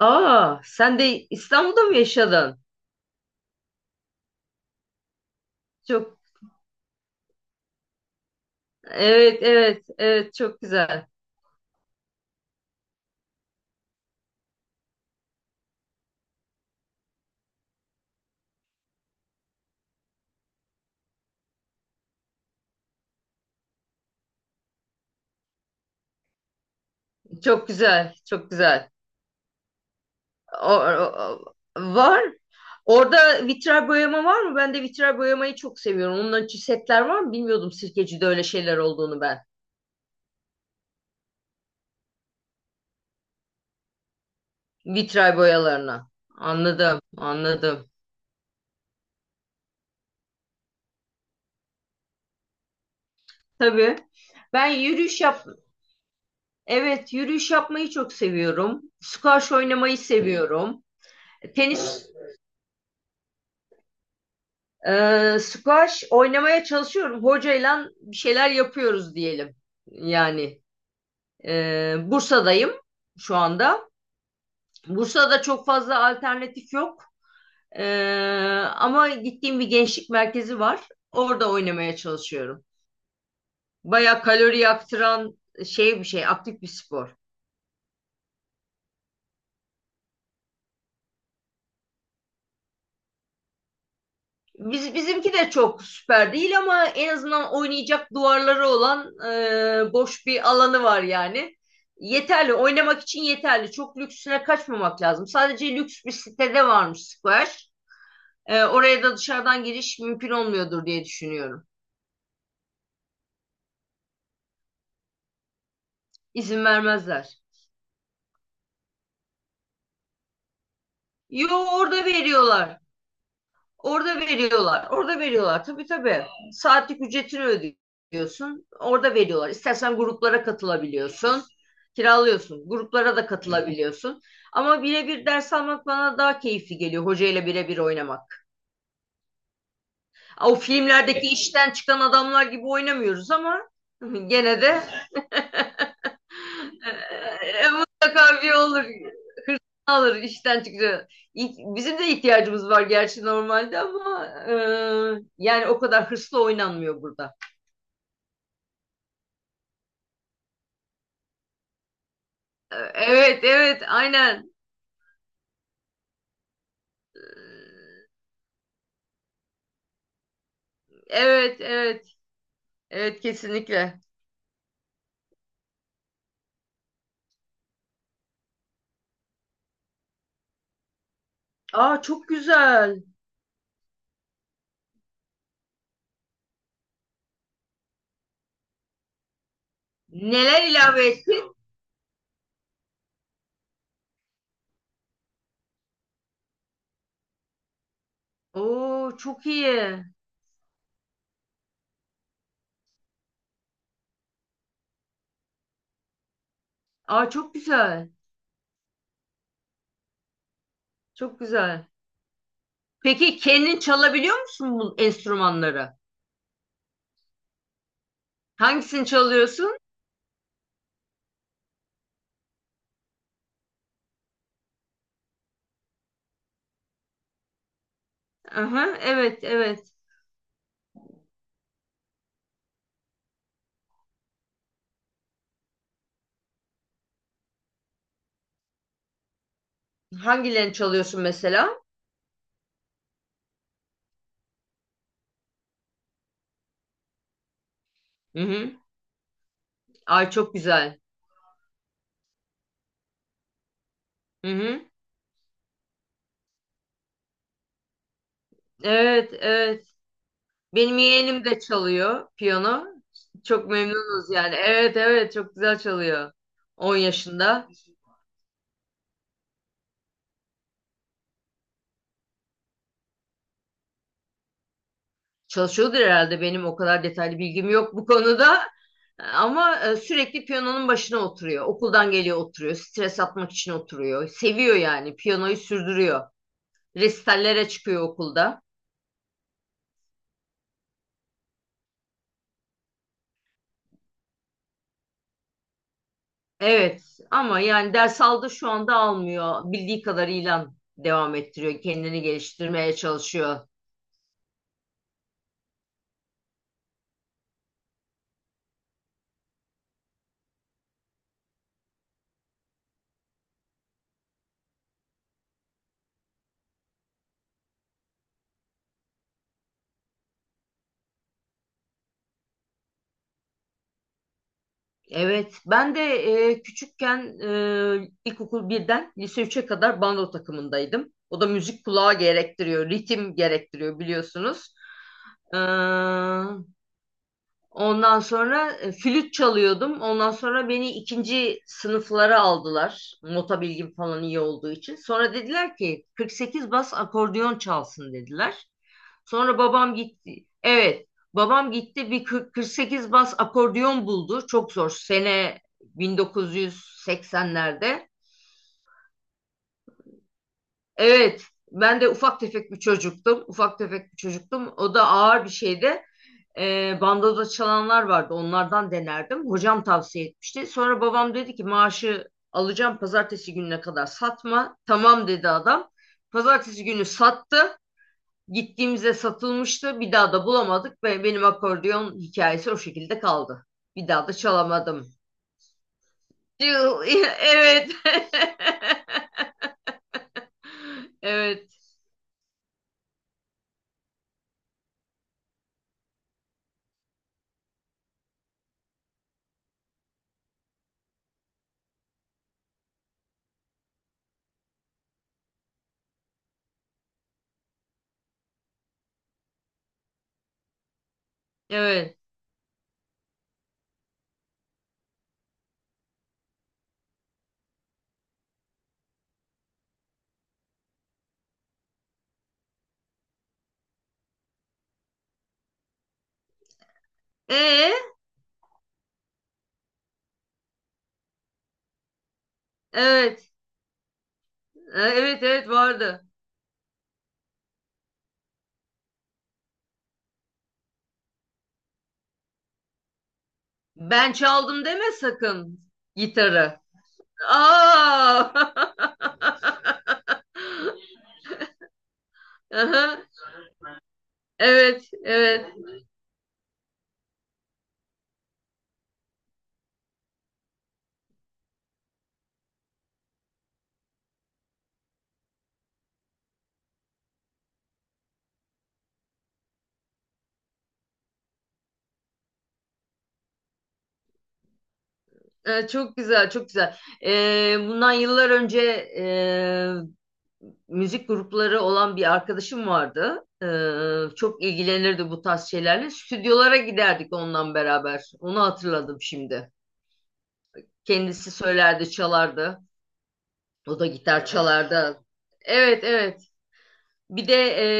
Aa, sen de İstanbul'da mı yaşadın? Çok evet, çok güzel. Çok güzel. Çok güzel. O, o- o var. Orada vitray boyama var mı? Ben de vitray boyamayı çok seviyorum. Onların için setler var mı? Bilmiyordum Sirkeci'de öyle şeyler olduğunu ben. Vitray boyalarına. Anladım, anladım. Tabii. Ben yürüyüş yap, evet, yürüyüş yapmayı çok seviyorum. Squash oynamayı seviyorum. Tenis. Squash oynamaya çalışıyorum. Hocayla bir şeyler yapıyoruz diyelim. Yani Bursa'dayım şu anda. Bursa'da çok fazla alternatif yok. Ee, ama gittiğim bir gençlik merkezi var. Orada oynamaya çalışıyorum. Baya kalori yaktıran bir şey, aktif bir spor. Bizimki de çok süper değil ama en azından oynayacak duvarları olan boş bir alanı var yani. Yeterli, oynamak için yeterli. Çok lüksüne kaçmamak lazım. Sadece lüks bir sitede varmış squash. Oraya da dışarıdan giriş mümkün olmuyordur diye düşünüyorum. İzin vermezler. Yo, orada veriyorlar. Orada veriyorlar. Orada veriyorlar. Tabii tabii. Saatlik ücretini ödüyorsun. Orada veriyorlar. İstersen gruplara katılabiliyorsun. Kiralıyorsun. Gruplara da katılabiliyorsun. Ama birebir ders almak bana daha keyifli geliyor. Hocayla birebir oynamak. O filmlerdeki işten çıkan adamlar gibi oynamıyoruz ama gene de mutlaka bir olur. Alır işten çıkacak. Bizim de ihtiyacımız var gerçi normalde ama yani o kadar hırslı oynanmıyor burada. Evet, evet, aynen. Evet, evet. Evet, kesinlikle. Aa, çok güzel. Neler ilave ettin? Oo, çok iyi. Aa, çok güzel. Çok güzel. Peki kendin çalabiliyor musun bu enstrümanları? Hangisini çalıyorsun? Aha, evet, evet. Hangilerini çalıyorsun mesela? Hı hı. Ay, çok güzel. Hı hı. Evet, evet. Benim yeğenim de çalıyor piyano. Çok memnunuz yani. Evet, evet, çok güzel çalıyor. 10 yaşında. Çalışıyordur herhalde, benim o kadar detaylı bilgim yok bu konuda. Ama sürekli piyanonun başına oturuyor. Okuldan geliyor oturuyor. Stres atmak için oturuyor. Seviyor yani. Piyanoyu sürdürüyor. Resitallere çıkıyor okulda. Evet, ama yani ders aldı, şu anda almıyor. Bildiği kadarıyla devam ettiriyor. Kendini geliştirmeye çalışıyor. Evet, ben de küçükken ilkokul birden lise 3'e kadar bando takımındaydım. O da müzik kulağı gerektiriyor, ritim gerektiriyor biliyorsunuz. Ondan sonra flüt çalıyordum. Ondan sonra beni ikinci sınıflara aldılar. Nota bilgim falan iyi olduğu için. Sonra dediler ki 48 bas akordeon çalsın dediler. Sonra babam gitti. Evet, babam gitti, bir 40 48 bas akordeon buldu. Çok zor. Sene 1980'lerde. Evet, ben de ufak tefek bir çocuktum. Ufak tefek bir çocuktum. O da ağır bir şeydi. Bandoda çalanlar vardı. Onlardan denerdim. Hocam tavsiye etmişti. Sonra babam dedi ki maaşı alacağım pazartesi gününe kadar satma. Tamam dedi adam. Pazartesi günü sattı. Gittiğimizde satılmıştı. Bir daha da bulamadık ve benim akordeon hikayesi o şekilde kaldı. Bir daha da çalamadım. Evet. Evet. Evet. Evet. Ee, evet, evet vardı. Ben çaldım deme sakın gitarı. Aa! Aha. Evet, evet. Çok güzel, çok güzel. Bundan yıllar önce e, müzik grupları olan bir arkadaşım vardı. Çok ilgilenirdi bu tarz şeylerle. Stüdyolara giderdik ondan beraber. Onu hatırladım şimdi. Kendisi söylerdi, çalardı. O da gitar çalardı. Evet, evet. Bir de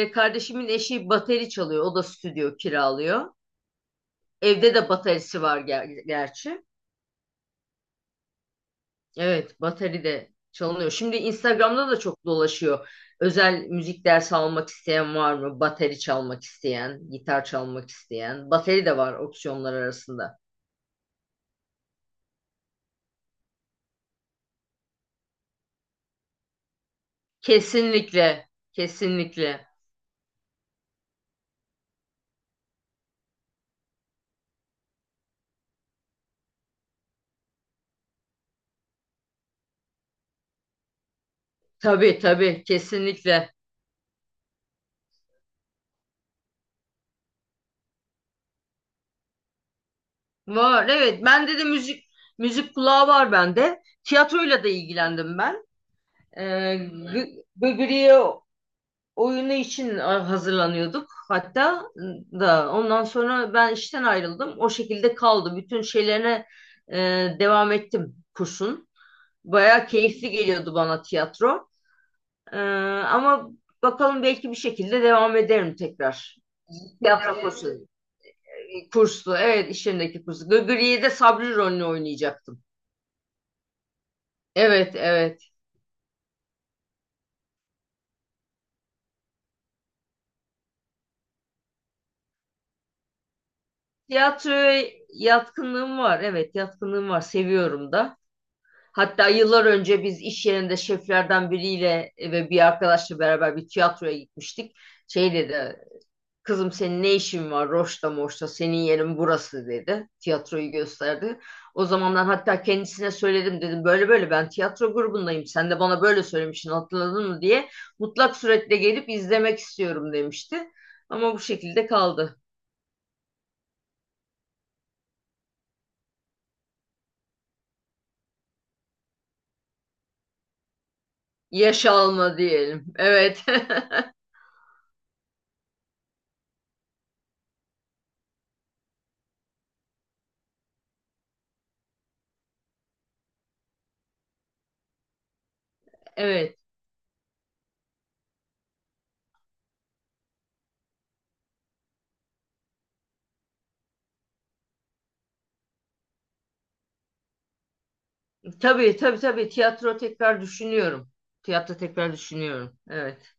kardeşimin eşi bateri çalıyor. O da stüdyo kiralıyor. Evde de baterisi var gerçi. Evet, bateri de çalınıyor. Şimdi Instagram'da da çok dolaşıyor. Özel müzik dersi almak isteyen var mı? Bateri çalmak isteyen, gitar çalmak isteyen. Bateri de var opsiyonlar arasında. Kesinlikle, kesinlikle. Tabii tabii, kesinlikle. Var, evet. Bende de müzik kulağı var bende. Tiyatroyla da ilgilendim ben. Ee, Gıgırı'yı oyunu için hazırlanıyorduk, hatta da ondan sonra ben işten ayrıldım. O şekilde kaldı. Bütün şeylerine e, devam ettim kursun. Bayağı keyifli geliyordu bana tiyatro. E, ama bakalım, belki bir şekilde devam ederim tekrar. Tiyatro kursu. Kurslu. Evet, iş yerindeki kursu. Gıgırı'yı de Sabri rolünü oynayacaktım. Evet, evet. Tiyatroya yatkınlığım var. Evet, yatkınlığım var. Seviyorum da. Hatta yıllar önce biz iş yerinde şeflerden biriyle ve bir arkadaşla beraber bir tiyatroya gitmiştik. Şey dedi, kızım senin ne işin var Roş'ta Moş'ta, senin yerin burası dedi. Tiyatroyu gösterdi. O zamandan hatta kendisine söyledim, dedim böyle böyle ben tiyatro grubundayım. Sen de bana böyle söylemiştin, hatırladın mı diye. Mutlak suretle gelip izlemek istiyorum demişti. Ama bu şekilde kaldı. Yaş alma diyelim. Evet. Evet. Tabii tabii tabii. Tiyatro tekrar düşünüyorum. Tiyatro tekrar düşünüyorum. Evet.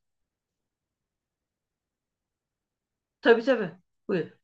Tabii tabii. Buyur.